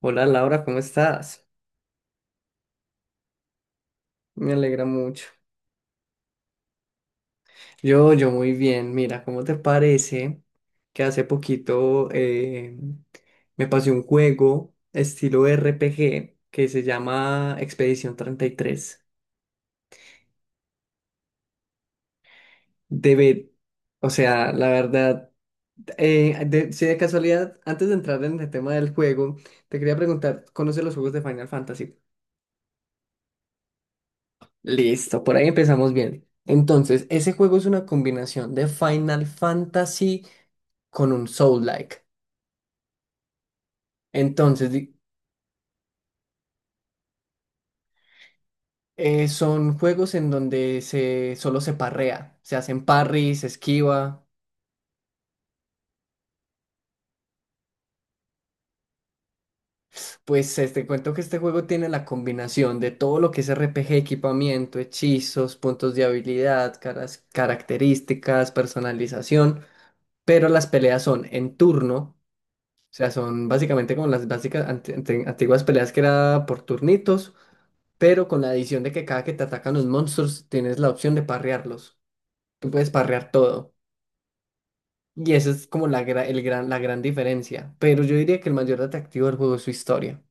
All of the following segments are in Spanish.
Hola Laura, ¿cómo estás? Me alegra mucho. Yo muy bien. Mira, ¿cómo te parece que hace poquito me pasé un juego estilo RPG que se llama Expedición 33? Debe, la verdad, si de casualidad, antes de entrar en el tema del juego, te quería preguntar, ¿conoces los juegos de Final Fantasy? Listo, por ahí empezamos bien. Entonces, ese juego es una combinación de Final Fantasy con un Soul-like. Entonces, di- son juegos en donde solo se parrea, se hacen parries, se esquiva. Pues te cuento que este juego tiene la combinación de todo lo que es RPG, equipamiento, hechizos, puntos de habilidad, características, personalización, pero las peleas son en turno. O sea, son básicamente como las básicas antiguas peleas que era por turnitos, pero con la adición de que cada que te atacan los monstruos tienes la opción de parrearlos. Tú puedes parrear todo. Y esa es como la gran diferencia. Pero yo diría que el mayor atractivo del juego es su historia.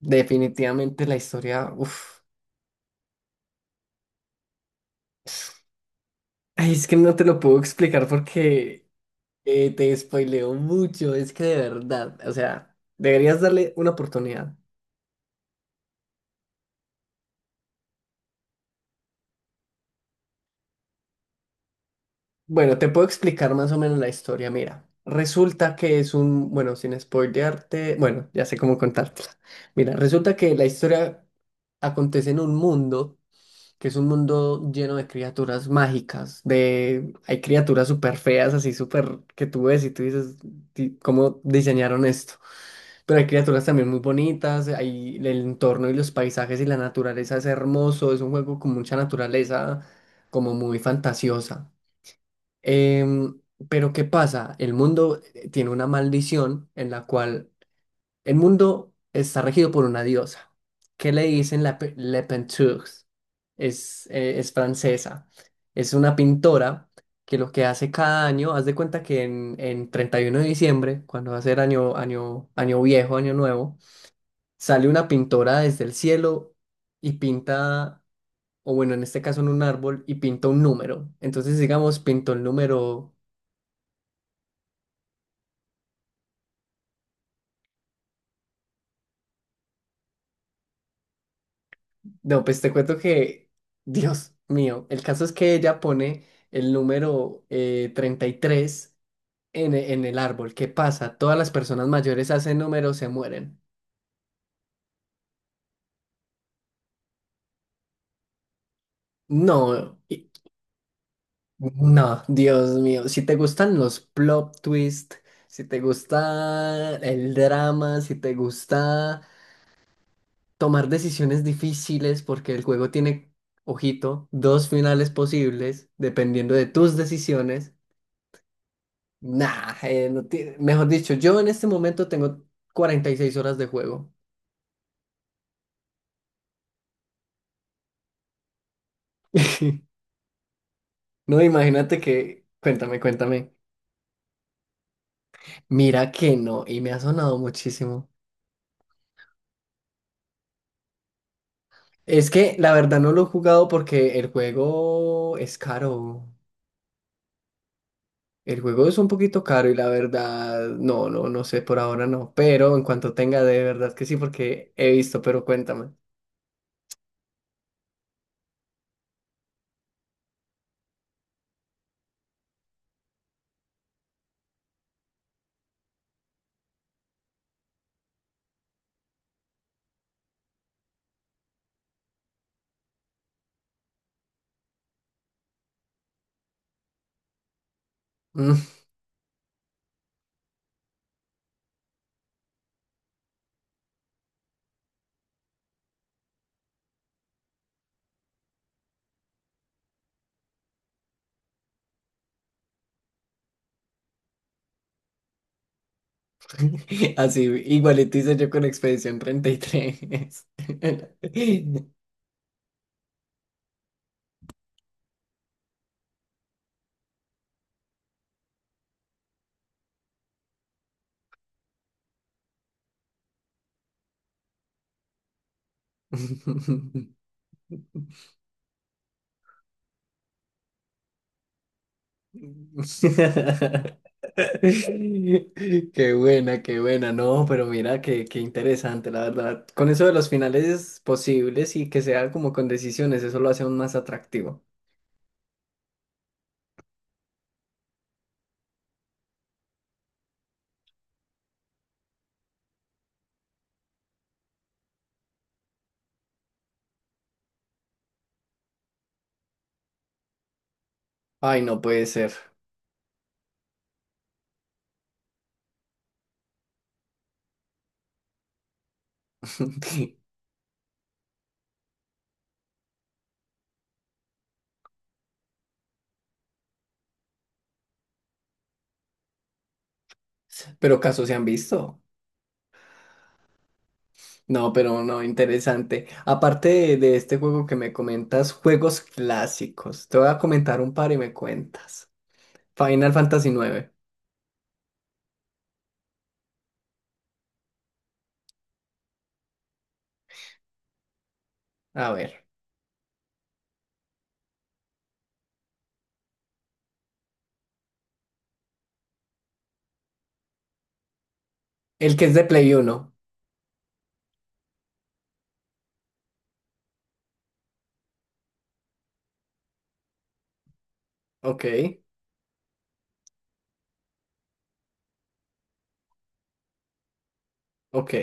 Definitivamente la historia, uff. Ay, es que no te lo puedo explicar porque te spoileo mucho. Es que de verdad, o sea, deberías darle una oportunidad. Bueno, te puedo explicar más o menos la historia. Mira, resulta que es un, sin spoilearte, bueno, ya sé cómo contártela. Mira, resulta que la historia acontece en un mundo que es un mundo lleno de criaturas mágicas, de hay criaturas súper feas, así súper que tú ves y tú dices, "Di- ¿cómo diseñaron esto? Pero hay criaturas también muy bonitas, hay el entorno y los paisajes y la naturaleza es hermoso, es un juego con mucha naturaleza, como muy fantasiosa. Em, pero ¿qué pasa? El mundo tiene una maldición en la cual el mundo está regido por una diosa, que le dicen Le Penteux. Es francesa. Es una pintora que lo que hace cada año, haz de cuenta que en 31 de diciembre, cuando va a ser año viejo, año nuevo, sale una pintora desde el cielo y pinta, o bueno, en este caso en un árbol, y pinta un número. Entonces, digamos, pintó el número. No, pues te cuento que, Dios mío, el caso es que ella pone el número 33 en el árbol. ¿Qué pasa? Todas las personas mayores hacen números, se mueren. No, y- no, Dios mío, si te gustan los plot twist, si te gusta el drama, si te gusta tomar decisiones difíciles, porque el juego tiene, ojito, dos finales posibles, dependiendo de tus decisiones. Nah, no ti- mejor dicho, yo en este momento tengo 46 horas de juego. No, imagínate que, cuéntame, cuéntame. Mira que no, y me ha sonado muchísimo. Es que la verdad no lo he jugado porque el juego es caro. El juego es un poquito caro y la verdad, no sé, por ahora no. Pero en cuanto tenga, de verdad que sí, porque he visto, pero cuéntame. Mm, así, igualito hice yo con Expedición 33. Qué buena, qué buena. No, pero mira, qué interesante, la verdad. Con eso de los finales posibles y que sea como con decisiones, eso lo hace aún más atractivo. Ay, no puede ser. Pero casos se han visto. No, pero no, interesante. Aparte de este juego que me comentas, juegos clásicos. Te voy a comentar un par y me cuentas. Final Fantasy nueve. A ver. El que es de Play Uno. Ok. Ok.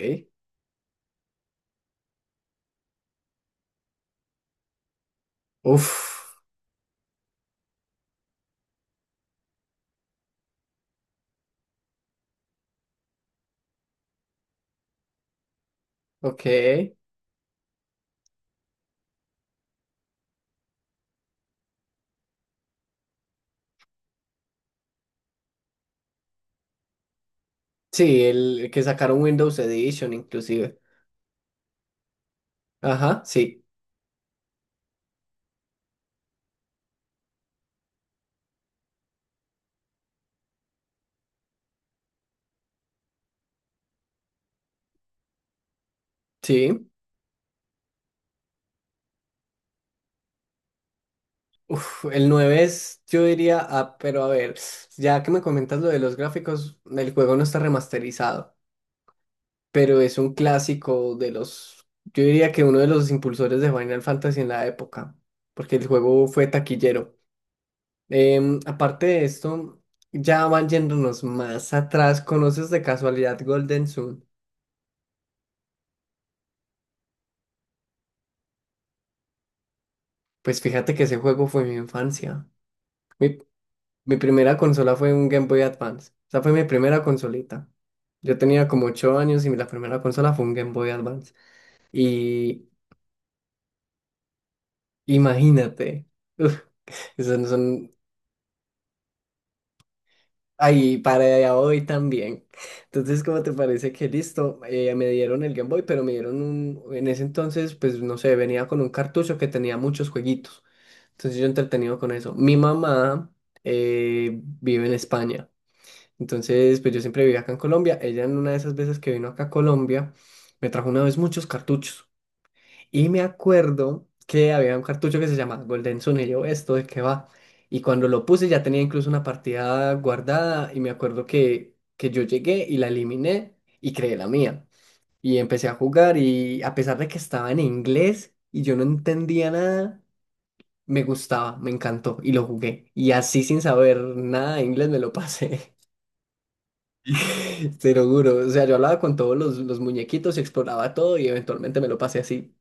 Uf. Ok. Sí, el que sacaron Windows Edition inclusive. Ajá, sí. Uf, el nueve es, yo diría, ah, pero a ver, ya que me comentas lo de los gráficos, el juego no está remasterizado, pero es un clásico de los, yo diría que uno de los impulsores de Final Fantasy en la época, porque el juego fue taquillero. Aparte de esto, ya van yéndonos más atrás, ¿conoces de casualidad Golden Sun? Pues fíjate que ese juego fue mi infancia. Mi, mi primera consola fue un Game Boy Advance. Esa fue mi primera consolita. Yo tenía como 8 años y la primera consola fue un Game Boy Advance. Y imagínate, uf, esos no son ahí para hoy también. Entonces, ¿cómo te parece que listo? Me dieron el Game Boy, pero me dieron un, en ese entonces, pues no sé, venía con un cartucho que tenía muchos jueguitos. Entonces yo entretenido con eso. Mi mamá eh, vive en España. Entonces, pues yo siempre viví acá en Colombia. Ella en una de esas veces que vino acá a Colombia, me trajo una vez muchos cartuchos. Y me acuerdo que había un cartucho que se llama Golden Sun. Y yo, ¿esto de qué va? Y cuando lo puse ya tenía incluso una partida guardada. Y me acuerdo que yo llegué y la eliminé y creé la mía. Y empecé a jugar y a pesar de que estaba en inglés y yo no entendía nada, me gustaba, me encantó y lo jugué. Y así sin saber nada de inglés me lo pasé. Te lo juro, o sea, yo hablaba con todos los muñequitos y exploraba todo y eventualmente me lo pasé así.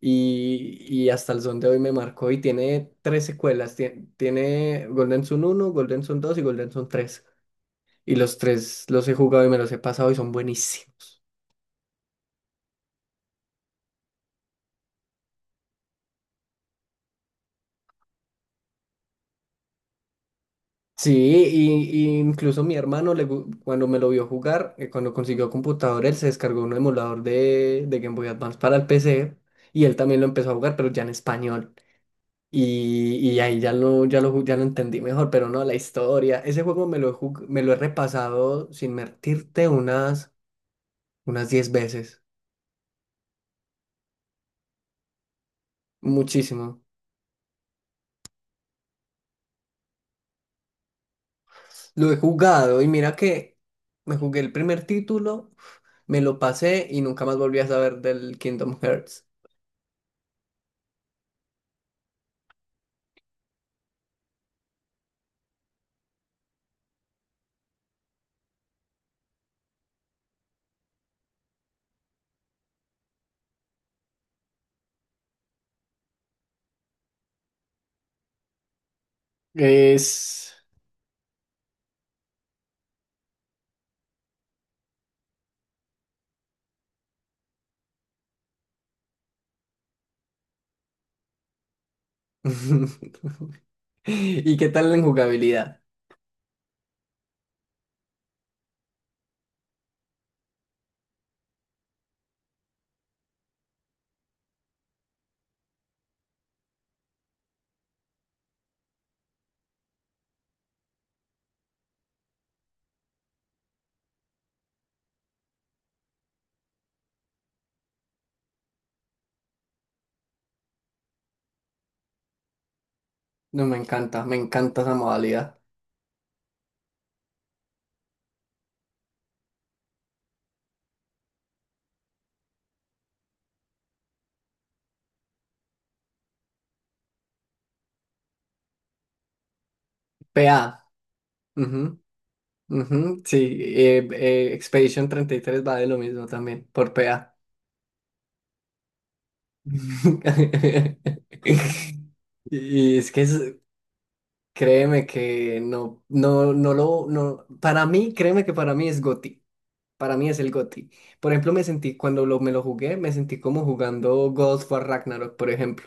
Y hasta el son de hoy me marcó y tiene tres secuelas, tiene Golden Sun uno, Golden Sun 2 y Golden Sun tres. Y los tres los he jugado y me los he pasado y son buenísimos. Sí, y incluso mi hermano cuando me lo vio jugar, cuando consiguió computador, él se descargó un emulador de Game Boy Advance para el PC y él también lo empezó a jugar, pero ya en español. Y ahí ya lo entendí mejor, pero no, la historia. Ese juego me lo he repasado sin mentirte unas, unas 10 veces. Muchísimo. Lo he jugado y mira que me jugué el primer título, me lo pasé y nunca más volví a saber del Kingdom Hearts. Es... ¿Y qué tal en jugabilidad? No, me encanta esa modalidad. PA. Ujú, sí, Expedition 33 va de lo mismo también, por PA. Y es que es- créeme que no, no, no lo, no, para mí, créeme que para mí es GOTY. Para mí es el GOTY. Por ejemplo, me sentí, me lo jugué, me sentí como jugando God of War Ragnarok, por ejemplo.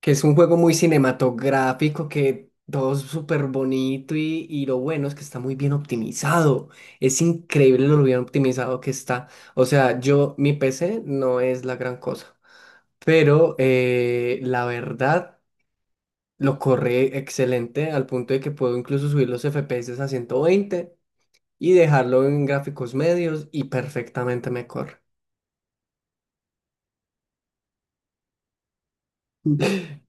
Que es un juego muy cinematográfico, que todo es súper bonito y lo bueno es que está muy bien optimizado. Es increíble lo bien optimizado que está. O sea, yo, mi PC no es la gran cosa, pero la verdad lo corre excelente al punto de que puedo incluso subir los FPS a 120 y dejarlo en gráficos medios y perfectamente me corre.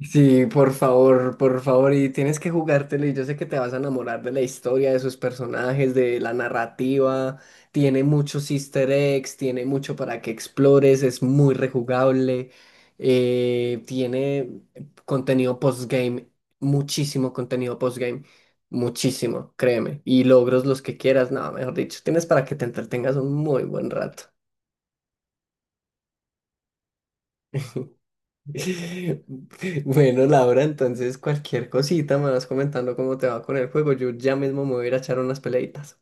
Sí, por favor, y tienes que jugártelo y yo sé que te vas a enamorar de la historia, de sus personajes, de la narrativa, tiene muchos easter eggs, tiene mucho para que explores, es muy rejugable, tiene contenido postgame, contenido postgame, muchísimo, créeme, y logros los que quieras, nada, mejor dicho, tienes para que te entretengas un muy buen rato. Bueno, Laura, entonces cualquier cosita me vas comentando cómo te va con el juego. Yo ya mismo me voy a ir a echar unas peleitas.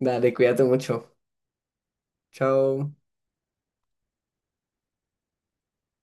Dale, cuídate mucho. Chao.